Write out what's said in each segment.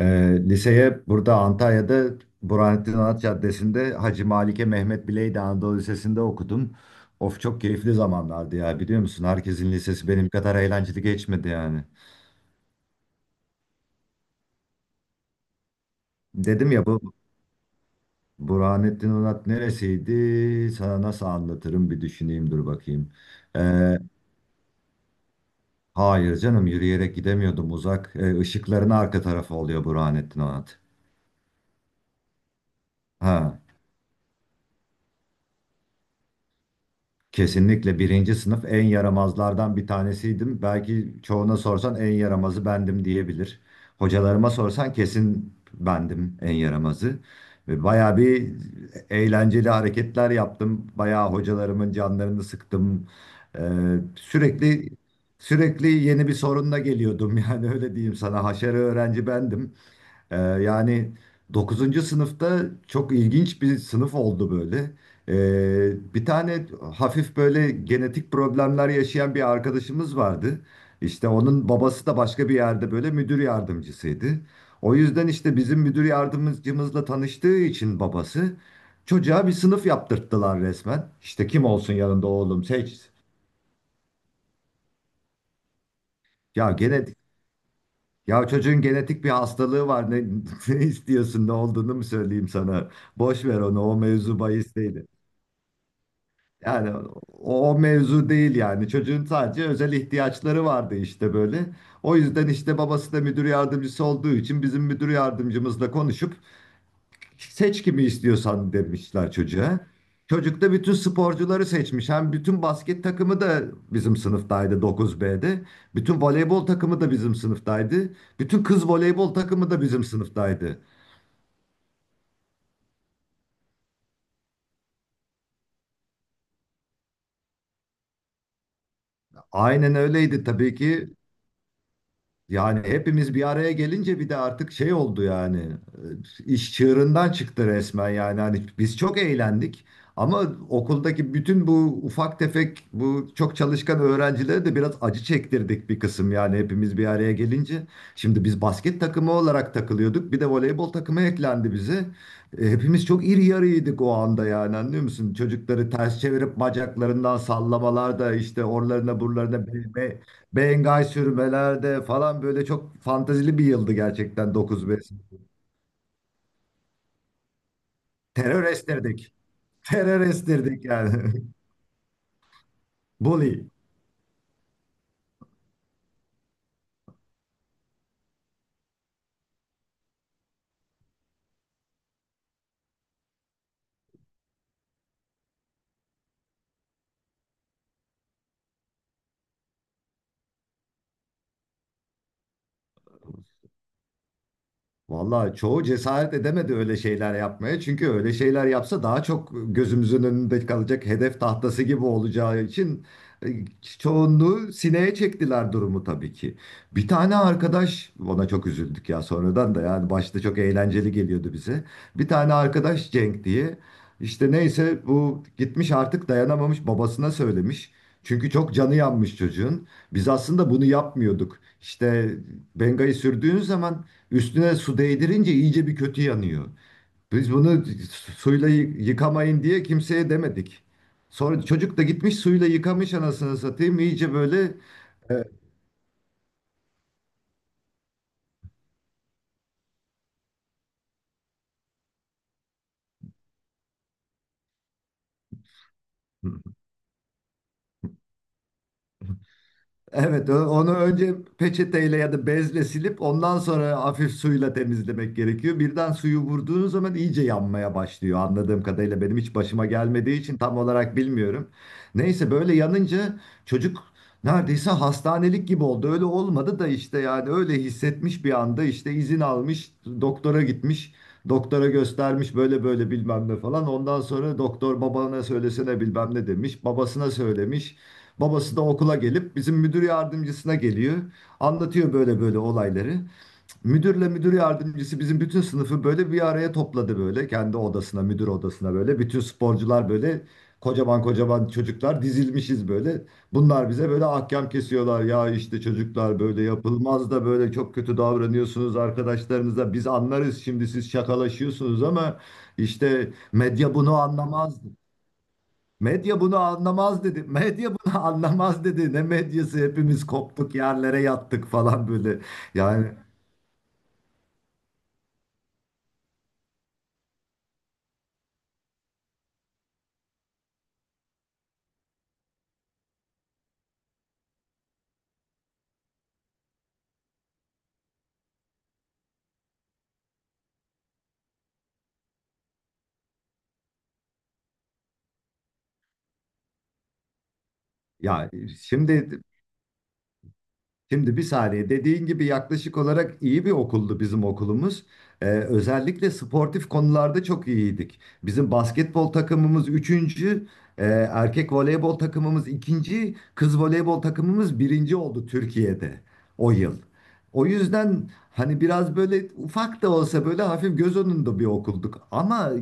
Liseye burada Antalya'da Burhanettin Anıt Caddesi'nde Hacı Malike Mehmet Bileydi Anadolu Lisesi'nde okudum. Of, çok keyifli zamanlardı ya, biliyor musun? Herkesin lisesi benim kadar eğlenceli geçmedi yani. Dedim ya, bu Burhanettin Anıt neresiydi? Sana nasıl anlatırım, bir düşüneyim, dur bakayım. Ee, hayır canım, yürüyerek gidemiyordum, uzak. Işıkların arka tarafı oluyor Burhanettin Anıt. Ha. Kesinlikle birinci sınıf en yaramazlardan bir tanesiydim. Belki çoğuna sorsan en yaramazı bendim diyebilir. Hocalarıma sorsan kesin bendim en yaramazı. Ve bayağı bir eğlenceli hareketler yaptım. Bayağı hocalarımın canlarını sıktım. Ee, sürekli sürekli yeni bir sorunla geliyordum. Yani öyle diyeyim sana. Haşere öğrenci bendim. Yani dokuzuncu sınıfta çok ilginç bir sınıf oldu böyle. Bir tane hafif böyle genetik problemler yaşayan bir arkadaşımız vardı. İşte onun babası da başka bir yerde böyle müdür yardımcısıydı. O yüzden işte bizim müdür yardımcımızla tanıştığı için babası çocuğa bir sınıf yaptırttılar resmen. İşte kim olsun yanında oğlum, seç. Ya gene Ya, çocuğun genetik bir hastalığı var. Ne istiyorsun? Ne olduğunu mu söyleyeyim sana? Boş ver onu. O mevzu bahis değil. Yani o mevzu değil yani. Çocuğun sadece özel ihtiyaçları vardı işte böyle. O yüzden işte babası da müdür yardımcısı olduğu için bizim müdür yardımcımızla konuşup seç kimi istiyorsan demişler çocuğa. Çocuk da bütün sporcuları seçmiş. Hem bütün basket takımı da bizim sınıftaydı, 9B'de. Bütün voleybol takımı da bizim sınıftaydı. Bütün kız voleybol takımı da bizim sınıftaydı. Aynen öyleydi tabii ki. Yani hepimiz bir araya gelince bir de artık şey oldu yani, iş çığırından çıktı resmen. Yani hani biz çok eğlendik ama okuldaki bütün bu ufak tefek, bu çok çalışkan öğrencilere de biraz acı çektirdik bir kısım, yani hepimiz bir araya gelince. Şimdi biz basket takımı olarak takılıyorduk, bir de voleybol takımı eklendi bize. Hepimiz çok iri yarıydık o anda, yani anlıyor musun? Çocukları ters çevirip bacaklarından sallamalar da, işte oralarına buralarına değme, bengay sürmelerde falan, böyle çok fantazili bir yıldı gerçekten dokuz beş. Terör estirdik. Terör estirdik yani. Bully. Vallahi çoğu cesaret edemedi öyle şeyler yapmaya. Çünkü öyle şeyler yapsa daha çok gözümüzün önünde kalacak, hedef tahtası gibi olacağı için e, çoğunluğu sineye çektiler durumu tabii ki. Bir tane arkadaş, ona çok üzüldük ya sonradan da, yani başta çok eğlenceli geliyordu bize. Bir tane arkadaş, Cenk diye, işte neyse, bu gitmiş artık dayanamamış babasına söylemiş. Çünkü çok canı yanmış çocuğun. Biz aslında bunu yapmıyorduk. İşte Benga'yı sürdüğün zaman, üstüne su değdirince iyice bir kötü yanıyor. Biz bunu suyla yıkamayın diye kimseye demedik. Sonra çocuk da gitmiş suyla yıkamış, anasını satayım. İyice böyle. Evet. Evet, onu önce peçeteyle ya da bezle silip ondan sonra hafif suyla temizlemek gerekiyor. Birden suyu vurduğunuz zaman iyice yanmaya başlıyor. Anladığım kadarıyla, benim hiç başıma gelmediği için tam olarak bilmiyorum. Neyse, böyle yanınca çocuk neredeyse hastanelik gibi oldu. Öyle olmadı da, işte yani öyle hissetmiş bir anda, işte izin almış, doktora gitmiş. Doktora göstermiş böyle böyle bilmem ne falan. Ondan sonra doktor babana söylesene bilmem ne demiş. Babasına söylemiş. Babası da okula gelip bizim müdür yardımcısına geliyor. Anlatıyor böyle böyle olayları. Müdürle müdür yardımcısı bizim bütün sınıfı böyle bir araya topladı böyle. Kendi odasına, müdür odasına böyle. Bütün sporcular böyle, kocaman kocaman çocuklar dizilmişiz böyle. Bunlar bize böyle ahkam kesiyorlar. Ya işte çocuklar böyle yapılmaz da, böyle çok kötü davranıyorsunuz arkadaşlarınıza. Biz anlarız şimdi siz şakalaşıyorsunuz ama işte medya bunu anlamaz. Medya bunu anlamaz dedi. Medya bunu anlamaz dedi. Ne medyası, hepimiz koptuk yerlere yattık falan böyle. Yani ya şimdi Şimdi bir saniye, dediğin gibi yaklaşık olarak iyi bir okuldu bizim okulumuz. Özellikle sportif konularda çok iyiydik. Bizim basketbol takımımız üçüncü, e, erkek voleybol takımımız ikinci, kız voleybol takımımız birinci oldu Türkiye'de o yıl. O yüzden hani biraz böyle ufak da olsa, böyle hafif göz önünde bir okulduk. Ama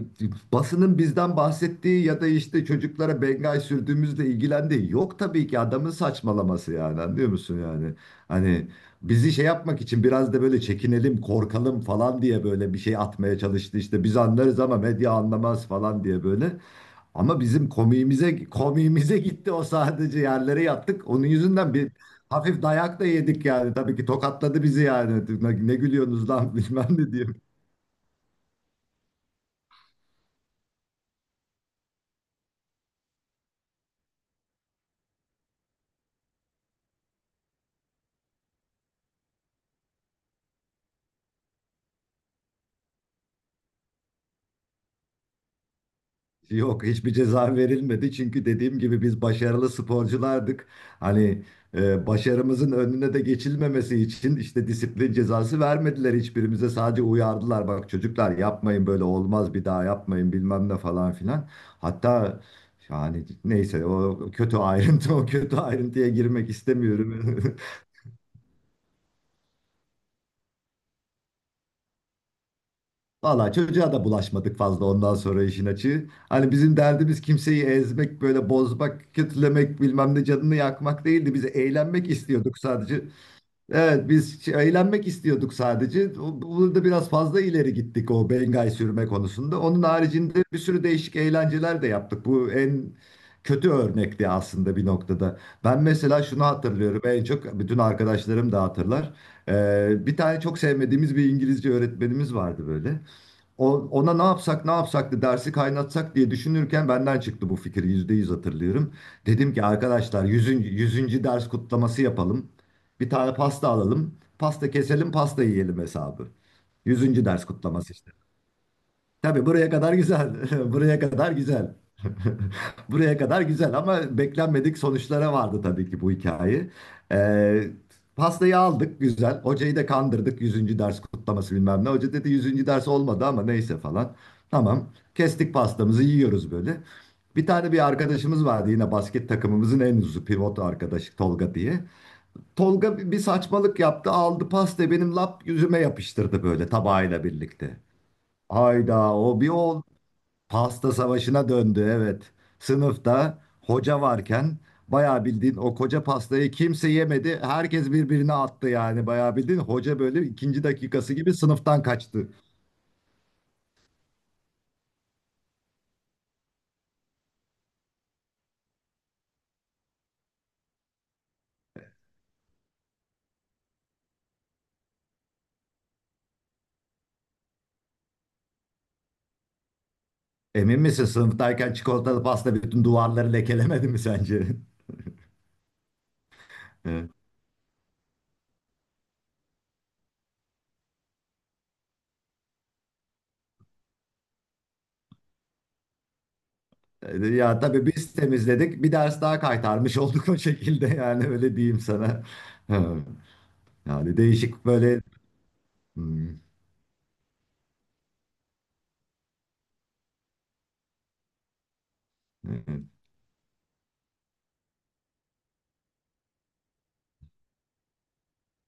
basının bizden bahsettiği ya da işte çocuklara bengay sürdüğümüzle ilgilendiği yok tabii ki, adamın saçmalaması yani, anlıyor musun yani? Hani bizi şey yapmak için biraz da böyle çekinelim, korkalım falan diye böyle bir şey atmaya çalıştı. İşte biz anlarız ama medya anlamaz falan diye böyle. Ama bizim komiğimize komiğimize gitti o, sadece yerlere yattık. Onun yüzünden bir hafif dayak da yedik yani. Tabii ki tokatladı bizi yani. Ne, ne gülüyorsunuz lan bilmem ne diye. Yok, hiçbir ceza verilmedi çünkü dediğim gibi biz başarılı sporculardık. Hani başarımızın önüne de geçilmemesi için, işte disiplin cezası vermediler hiçbirimize, sadece uyardılar. Bak çocuklar, yapmayın, böyle olmaz, bir daha yapmayın, bilmem ne falan filan. Hatta, yani neyse, o kötü ayrıntı o kötü ayrıntıya girmek istemiyorum. Valla çocuğa da bulaşmadık fazla ondan sonra, işin açığı. Hani bizim derdimiz kimseyi ezmek, böyle bozmak, kötülemek, bilmem ne canını yakmak değildi. Biz eğlenmek istiyorduk sadece. Evet, biz eğlenmek istiyorduk sadece. Burada biraz fazla ileri gittik o bengay sürme konusunda. Onun haricinde bir sürü değişik eğlenceler de yaptık. Bu en kötü örnekti aslında bir noktada. Ben mesela şunu hatırlıyorum en çok, bütün arkadaşlarım da hatırlar. Bir tane çok sevmediğimiz bir İngilizce öğretmenimiz vardı böyle. Ona ne yapsak ne yapsaktı, dersi kaynatsak diye düşünürken benden çıktı bu fikir. Yüzde yüz hatırlıyorum. Dedim ki arkadaşlar, yüzüncü 100. ders kutlaması yapalım. Bir tane pasta alalım. Pasta keselim pasta yiyelim hesabı. Yüzüncü ders kutlaması işte. Tabii buraya kadar güzel. Buraya kadar güzel. Buraya kadar güzel ama beklenmedik sonuçlara vardı tabii ki bu hikaye. Ee, Pastayı aldık güzel. Hocayı da kandırdık, yüzüncü ders kutlaması bilmem ne. Hoca dedi yüzüncü ders olmadı ama neyse falan. Tamam. Kestik pastamızı, yiyoruz böyle. Bir tane bir arkadaşımız vardı yine, basket takımımızın en uzuzu pivot arkadaşı, Tolga diye. Tolga bir saçmalık yaptı, aldı pastayı benim lap yüzüme yapıştırdı böyle tabağıyla birlikte. Hayda, o bir o pasta savaşına döndü, evet. Sınıfta hoca varken bayağı bildiğin o koca pastayı kimse yemedi. Herkes birbirine attı yani, bayağı bildiğin hoca böyle ikinci dakikası gibi sınıftan kaçtı. Emin misin sınıftayken çikolatalı pasta bütün duvarları lekelemedi mi sence? Evet. Ya tabii biz temizledik, bir ders daha kaytarmış olduk o şekilde yani öyle diyeyim sana. Yani değişik böyle... Hmm, evet.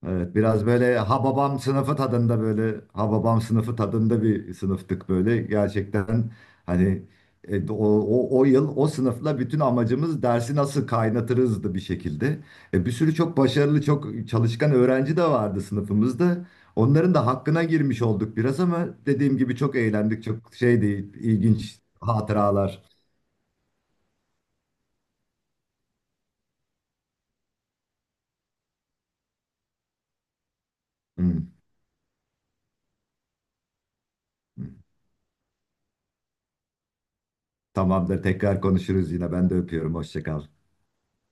Evet, biraz böyle Hababam sınıfı tadında, böyle Hababam sınıfı tadında bir sınıftık böyle. Gerçekten hani o yıl o sınıfla bütün amacımız dersi nasıl kaynatırızdı bir şekilde. Bir sürü çok başarılı, çok çalışkan öğrenci de vardı sınıfımızda. Onların da hakkına girmiş olduk biraz ama dediğim gibi çok eğlendik. Çok şeydi, ilginç hatıralar. Hı, hı. Tamamdır, tekrar konuşuruz yine. Ben de öpüyorum. Hoşça kal.